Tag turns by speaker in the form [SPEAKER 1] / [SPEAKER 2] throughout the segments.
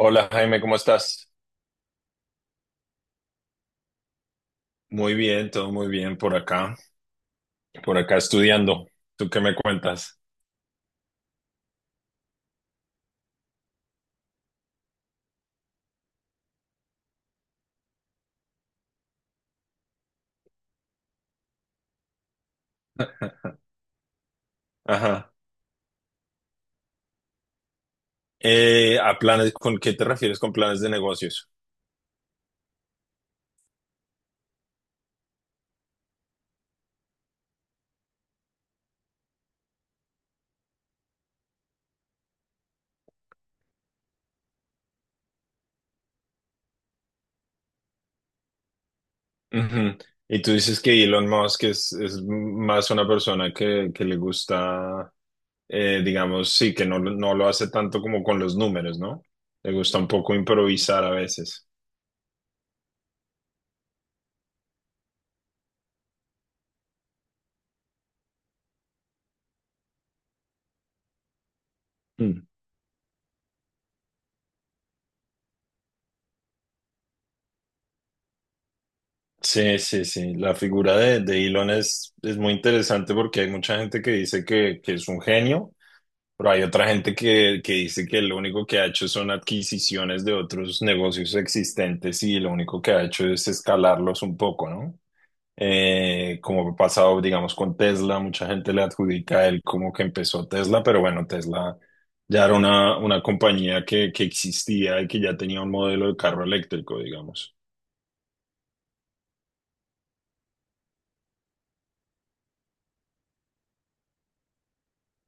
[SPEAKER 1] Hola Jaime, ¿cómo estás? Muy bien, todo muy bien por acá estudiando. ¿Tú qué me cuentas? Ajá. A planes, ¿con qué te refieres con planes de negocios? Ujú. Y tú dices que Elon Musk es más una persona que le gusta, digamos, sí, que no, no lo hace tanto como con los números, ¿no? Le gusta un poco improvisar a veces. Mm. Sí, sí, sí. La figura de Elon es muy interesante porque hay mucha gente que dice que es un genio. Pero hay otra gente que dice que lo único que ha hecho son adquisiciones de otros negocios existentes, y lo único que ha hecho es escalarlos un poco, ¿no? Como ha pasado, digamos, con Tesla, mucha gente le adjudica a él como que empezó Tesla, pero bueno, Tesla ya era una compañía que existía y que ya tenía un modelo de carro eléctrico, digamos.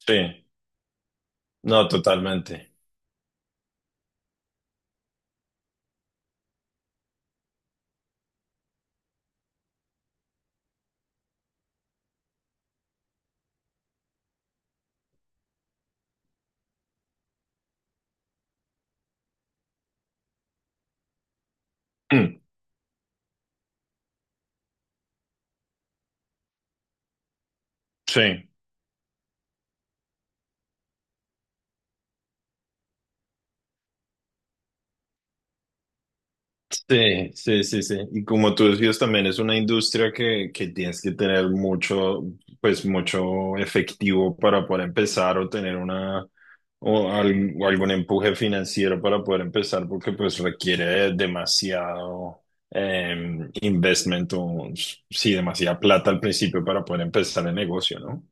[SPEAKER 1] Sí, no, totalmente. Sí, sí, sí, sí, sí. Y como tú decías, también es una industria que tienes que tener mucho, pues mucho efectivo para poder empezar o tener una o, o algún empuje financiero para poder empezar, porque pues requiere demasiado investment o sí, demasiada plata al principio para poder empezar el negocio, ¿no?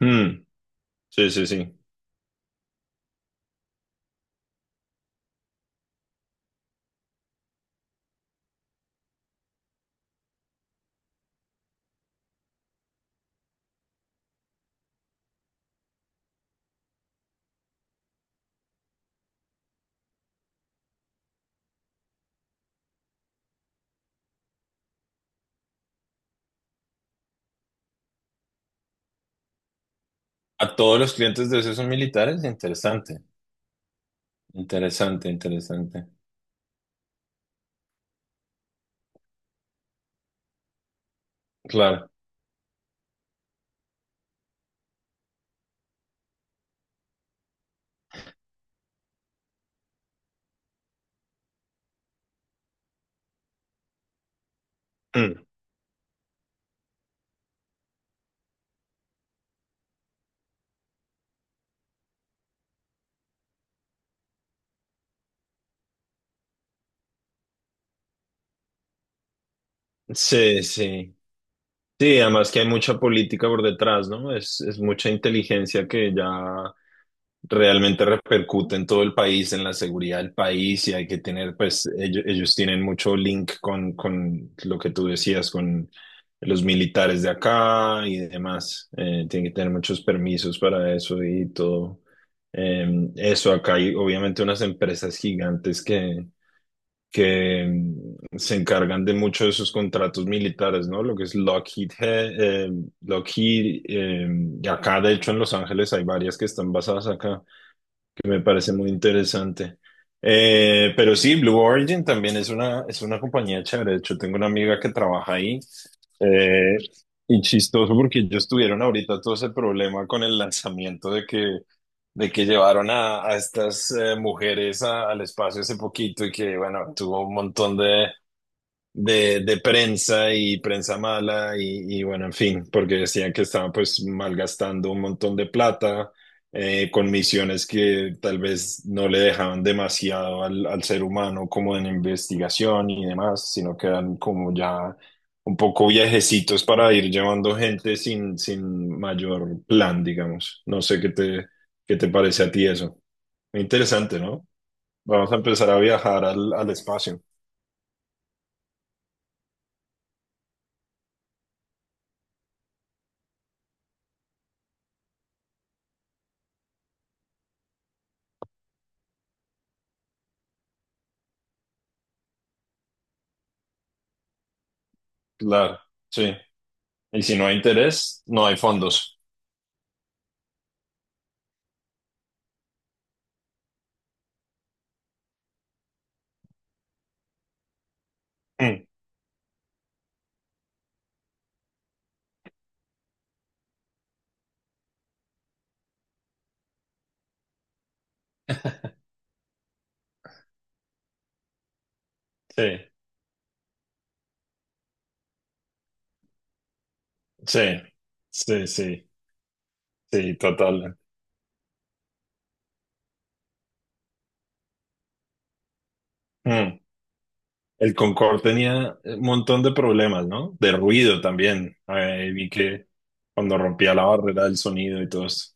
[SPEAKER 1] Mm, sí, sí, sí. A todos los clientes de esos son militares, interesante, interesante, interesante. Claro. Mm. Sí, sí. Sí, además que hay mucha política por detrás, ¿no? Es mucha inteligencia que ya realmente repercute en todo el país, en la seguridad del país, y hay que tener, pues, ellos tienen mucho link con lo que tú decías, con los militares de acá y demás. Tienen que tener muchos permisos para eso y todo. Eso, acá hay obviamente unas empresas gigantes que mm, se encargan de muchos de esos contratos militares, ¿no? Lo que es Lockheed, Lockheed, eh, y acá de hecho en Los Ángeles hay varias que están basadas acá. Me parece muy interesante. Pero sí, Blue Origin también es una compañía chévere. De hecho, tengo una amiga que trabaja ahí. Eh, y chistoso porque ellos tuvieron ahorita todo ese problema con el lanzamiento de que llevaron a estas mujeres al espacio hace poquito y que, bueno, tuvo un montón de prensa y prensa mala y bueno, en fin, porque decían que estaban pues malgastando un montón de plata con misiones que tal vez no le dejaban demasiado al, al ser humano como en investigación y demás, sino que eran como ya un poco viajecitos para ir llevando gente sin, sin mayor plan, digamos. No sé qué te parece a ti eso. Interesante, ¿no? Vamos a empezar a viajar al, al espacio. Claro, sí. Y si no hay interés, no hay fondos. Mm, sí, sí, sí, sí, sí, total. Mm. El Concorde tenía un montón de problemas, ¿no? De ruido también. Vi que cuando rompía la barrera del sonido y todo esto.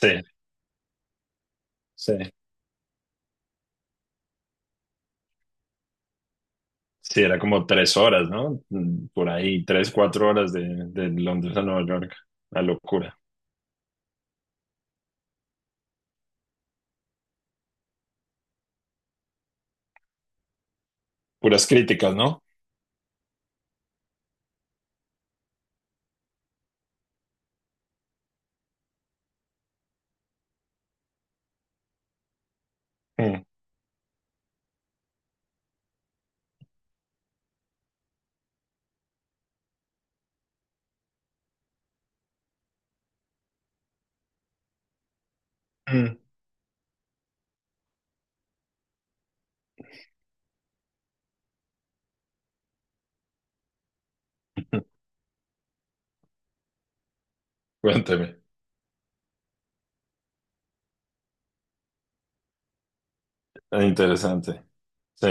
[SPEAKER 1] Sí, sí. Sí, era como 3 horas, ¿no? Mm, por ahí, 3, 4 horas de Londres a Nueva York. La locura. Puras críticas, ¿no? Mm. Mm. Cuénteme. Interesante. Sí.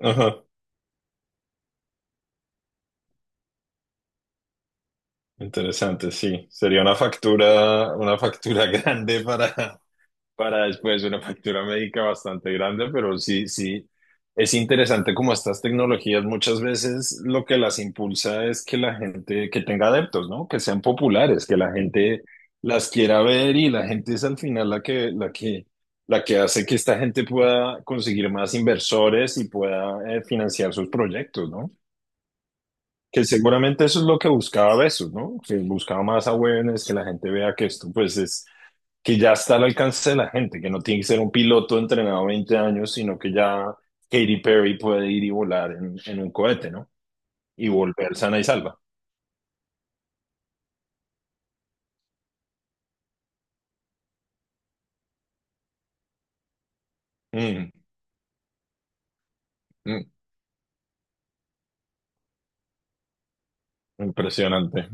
[SPEAKER 1] Ajá. Interesante, sí. Sería una factura grande para después, una factura médica bastante grande, pero sí, sí. Es interesante como estas tecnologías muchas veces lo que las impulsa es que la gente, que tenga adeptos, ¿no? Que sean populares, que la gente las quiera ver y la gente es al final la que hace que esta gente pueda conseguir más inversores y pueda financiar sus proyectos, ¿no? Que seguramente eso es lo que buscaba Bezos, ¿no? Que buscaba más awareness, que la gente vea que esto, pues, es que ya está al alcance de la gente, que no tiene que ser un piloto entrenado 20 años, sino que ya Katy Perry puede ir y volar en un cohete, ¿no? Y volver sana y salva. Mm, mm, impresionante.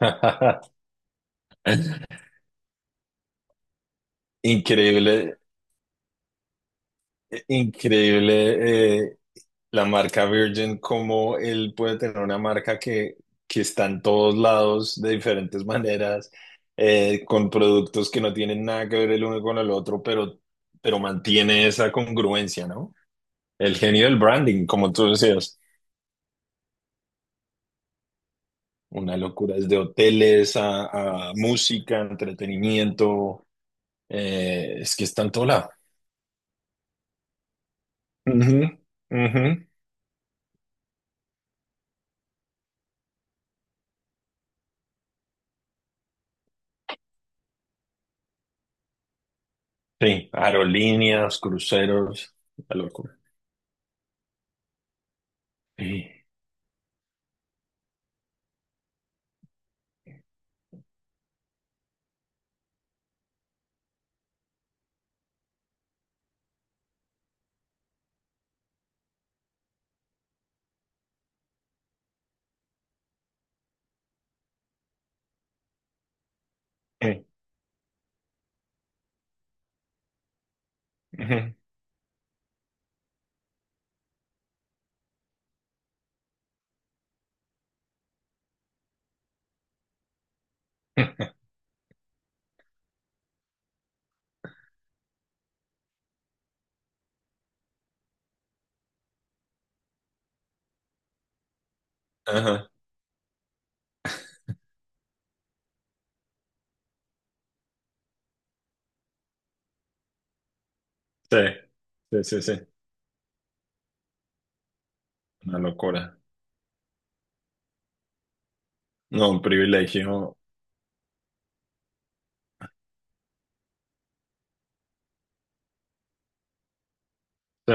[SPEAKER 1] Increíble, increíble. La marca Virgin, cómo él puede tener una marca que está en todos lados de diferentes maneras, con productos que no tienen nada que ver el uno con el otro, pero mantiene esa congruencia, ¿no? El genio del branding, como tú decías, una locura, desde hoteles a música, entretenimiento, es que está en todo lado. Ujú, ujú. Sí, aerolíneas, cruceros, la locura. Sí. Sí, ujú. Ajá. Sí, sí, sí, sí, una locura. No, un privilegio. Sí.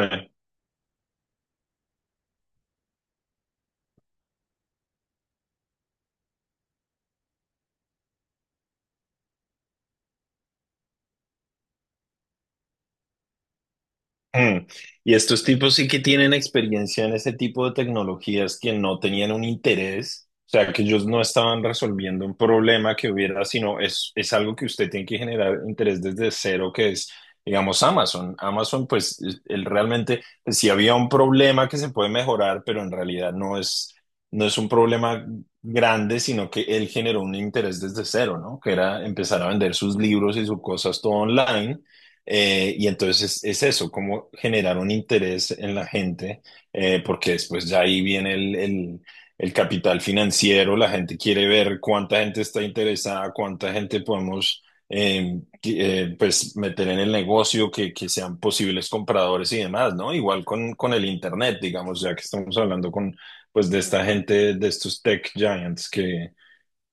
[SPEAKER 1] Mm. Y estos tipos sí que tienen experiencia en ese tipo de tecnologías que no tenían un interés, o sea, que ellos no estaban resolviendo un problema que hubiera, sino es algo que usted tiene que generar interés desde cero, que es, digamos, Amazon. Amazon, pues, él realmente, si había un problema que se puede mejorar, pero en realidad no es, no es un problema grande, sino que él generó un interés desde cero, ¿no? Que era empezar a vender sus libros y sus cosas todo online, y entonces es eso, cómo generar un interés en la gente, porque después ya ahí viene el capital financiero, la gente quiere ver cuánta gente está interesada, cuánta gente podemos pues meter en el negocio, que sean posibles compradores y demás, ¿no? Igual con el internet, digamos, ya que estamos hablando con, pues, de esta gente, de estos tech giants que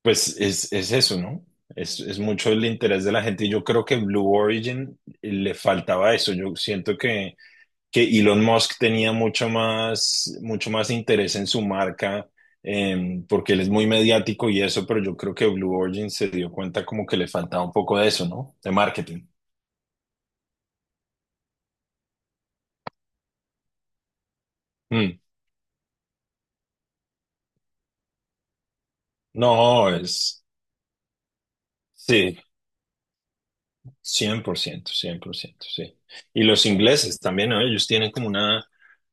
[SPEAKER 1] pues es eso, ¿no? Es mucho el interés de la gente y yo creo que Blue Origin le faltaba eso. Yo siento que Elon Musk tenía mucho más interés en su marca porque él es muy mediático y eso, pero yo creo que Blue Origin se dio cuenta como que le faltaba un poco de eso, ¿no? De marketing. Mm. No, es, sí, cien, 100%, 100%, sí. Y los ingleses también, ¿no? Ellos tienen como una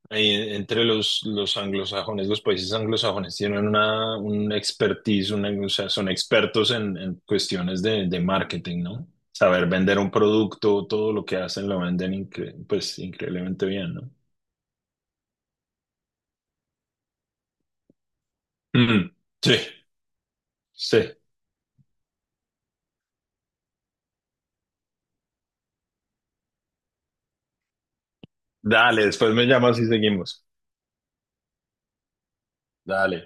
[SPEAKER 1] Entre los anglosajones, los países anglosajones tienen una, un expertise, una, o sea, son expertos en cuestiones de marketing, ¿no? Saber vender un producto, todo lo que hacen lo venden pues increíblemente bien, ¿no? Mm, sí, sí. Dale, después me llamas y seguimos. Dale.